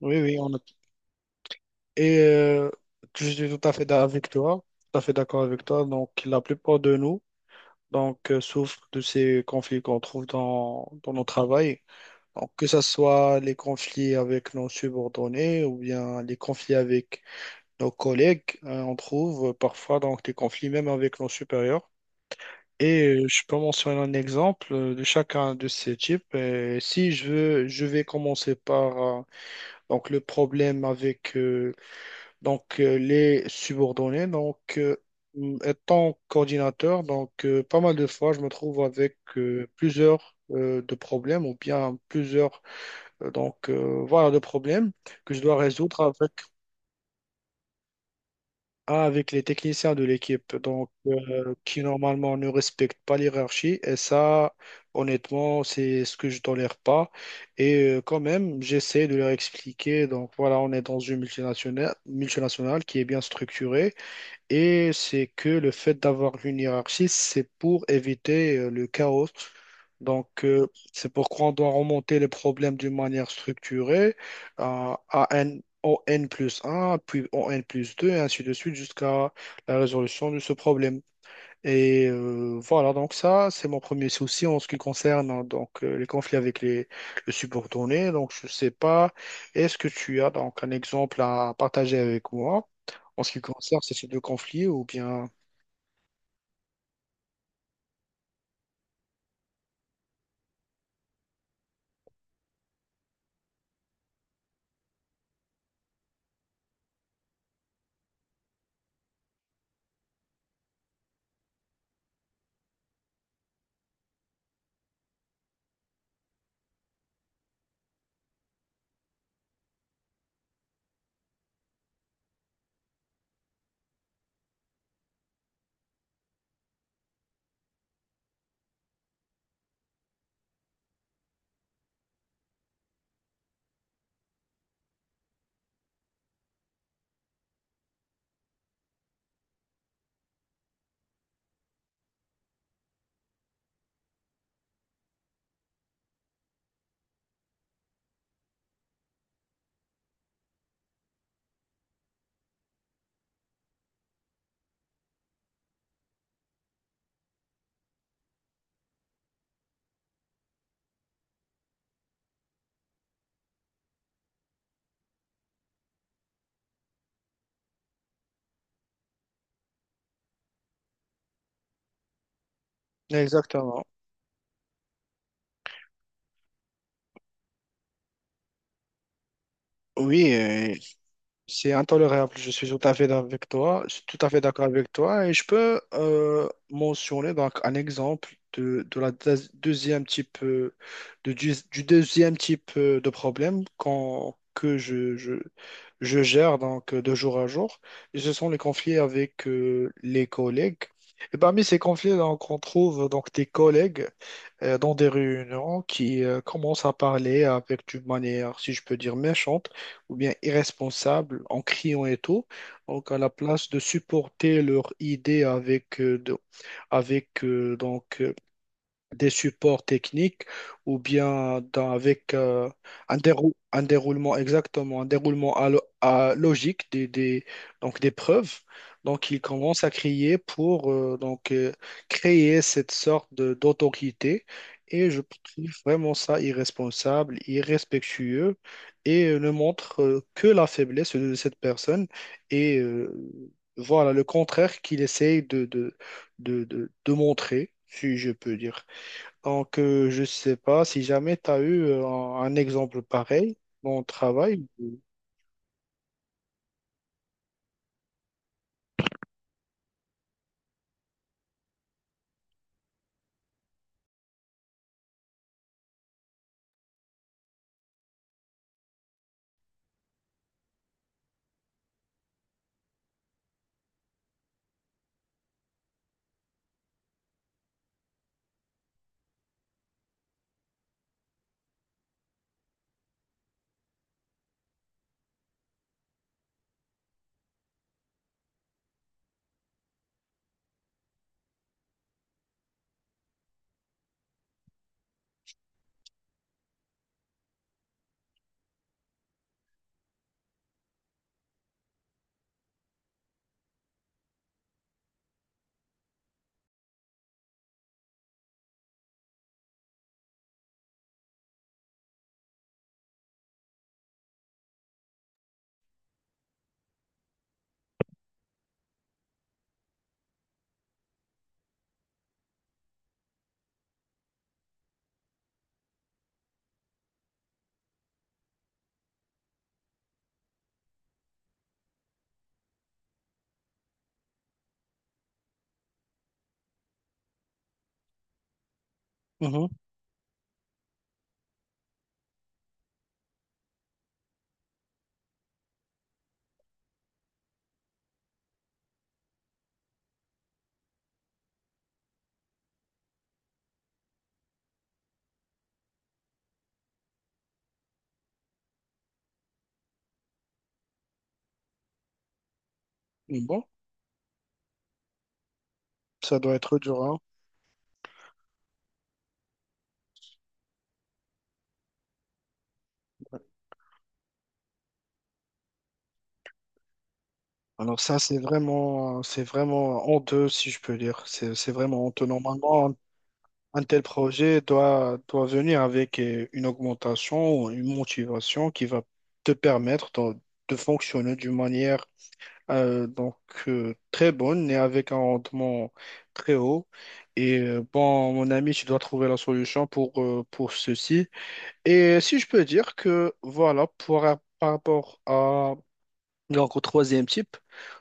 Oui, oui, on a... et euh, je suis tout à fait avec toi, tout à fait d'accord avec toi. Donc, la plupart de nous souffrent de ces conflits qu'on trouve dans nos travail. Donc, que ce soit les conflits avec nos subordonnés ou bien les conflits avec nos collègues, hein, on trouve parfois donc, des conflits même avec nos supérieurs. Je peux mentionner un exemple de chacun de ces types. Et si je veux, je vais commencer par le problème avec les subordonnés, étant coordinateur, pas mal de fois, je me trouve avec plusieurs de problèmes ou bien voilà, de problèmes que je dois résoudre avec les techniciens de l'équipe, qui normalement ne respectent pas l'hierarchie. Et ça, honnêtement, c'est ce que je tolère pas. Quand même, j'essaie de leur expliquer, donc, voilà, on est dans une multinationale qui est bien structurée. Et c'est que le fait d'avoir une hiérarchie, c'est pour éviter le chaos. C'est pourquoi on doit remonter les problèmes d'une manière structurée à N, au N plus un, puis au N plus 2, et ainsi de suite, jusqu'à la résolution de ce problème. Voilà, donc ça, c'est mon premier souci en ce qui concerne hein, les conflits avec le subordonné. Donc, je ne sais pas, est-ce que tu as donc un exemple à partager avec moi en ce qui concerne ces deux conflits ou bien... Exactement. Oui, c'est intolérable, je suis tout à fait d'accord avec toi, je suis tout à fait d'accord avec toi et je peux mentionner donc un exemple de la deuxième type du deuxième type de problème que je gère de jour à jour. Et ce sont les conflits avec les collègues. Et parmi ces conflits, donc, on trouve donc des collègues dans des réunions qui commencent à parler avec d'une manière, si je peux dire, méchante ou bien irresponsable, en criant et tout. Donc, à la place de supporter leurs idées avec des supports techniques ou bien avec un, un déroulement exactement, un déroulement à logique donc des preuves. Donc, il commence à crier pour créer cette sorte de- d'autorité. Et je trouve vraiment ça irresponsable, irrespectueux ne montre que la faiblesse de cette personne. Et euh, voilà, le contraire qu'il essaye de montrer, si je peux dire. Je sais pas si jamais tu as eu un exemple pareil dans le travail. Mhm. Bon, ça doit être dur, hein. Alors ça, c'est vraiment honteux, si je peux dire. C'est vraiment honteux. Normalement, un tel projet doit venir avec une augmentation ou une motivation qui va te permettre de fonctionner d'une manière Euh, donc très bonne et avec un rendement très haut. Bon, mon ami, tu dois trouver la solution pour ceci. Et si je peux dire que voilà, pour, par rapport à donc, au troisième type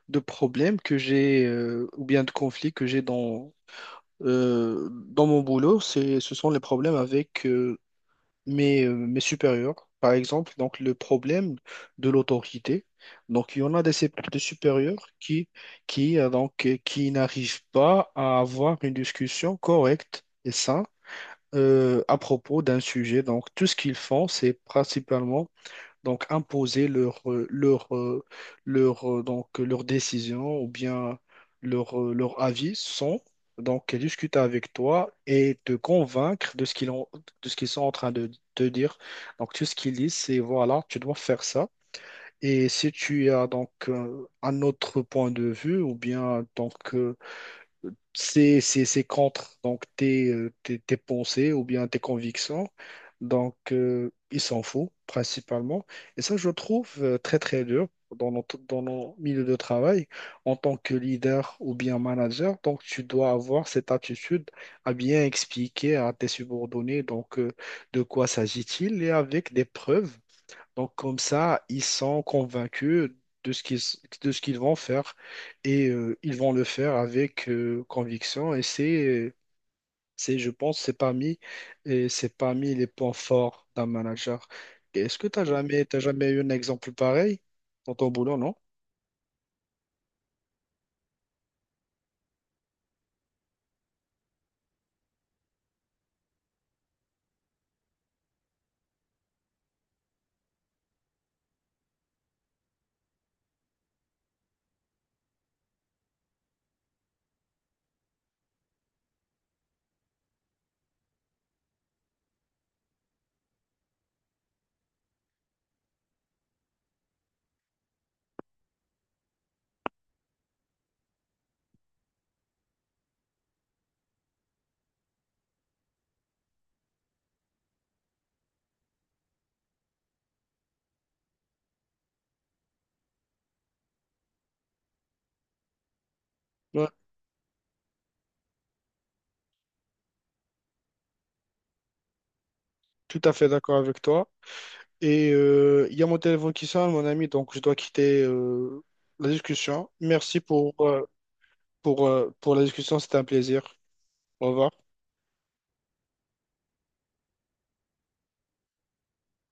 de problème que j'ai ou bien de conflit que j'ai dans mon boulot, c'est, ce sont les problèmes avec mes supérieurs, par exemple, donc le problème de l'autorité. Donc, il y en a des supérieurs qui qui n'arrivent pas à avoir une discussion correcte et saine à propos d'un sujet. Donc, tout ce qu'ils font, c'est principalement donc imposer leur décision ou bien leur avis sans donc discuter avec toi et te convaincre de ce qu'ils ont, de ce qu'ils sont en train de te dire. Donc tout ce qu'ils disent, c'est voilà, tu dois faire ça. Et si tu as un autre point de vue ou bien c'est c'est contre donc tes pensées ou bien tes convictions. Il s'en fout principalement. Et ça, je trouve très, très dur dans nos milieux de travail. En tant que leader ou bien manager, donc tu dois avoir cette attitude à bien expliquer à tes subordonnés de quoi s'agit-il et avec des preuves donc comme ça, ils sont convaincus de ce qu'ils de ce qu'ils vont faire ils vont le faire avec conviction. Et je pense, c'est parmi les points forts d'un manager. Est-ce que tu as jamais, T'as jamais eu un exemple pareil dans ton boulot, non? Ouais, tout à fait d'accord avec toi. Il y a mon téléphone qui sonne, mon ami, donc je dois quitter la discussion. Merci pour la discussion, c'était un plaisir. Au revoir.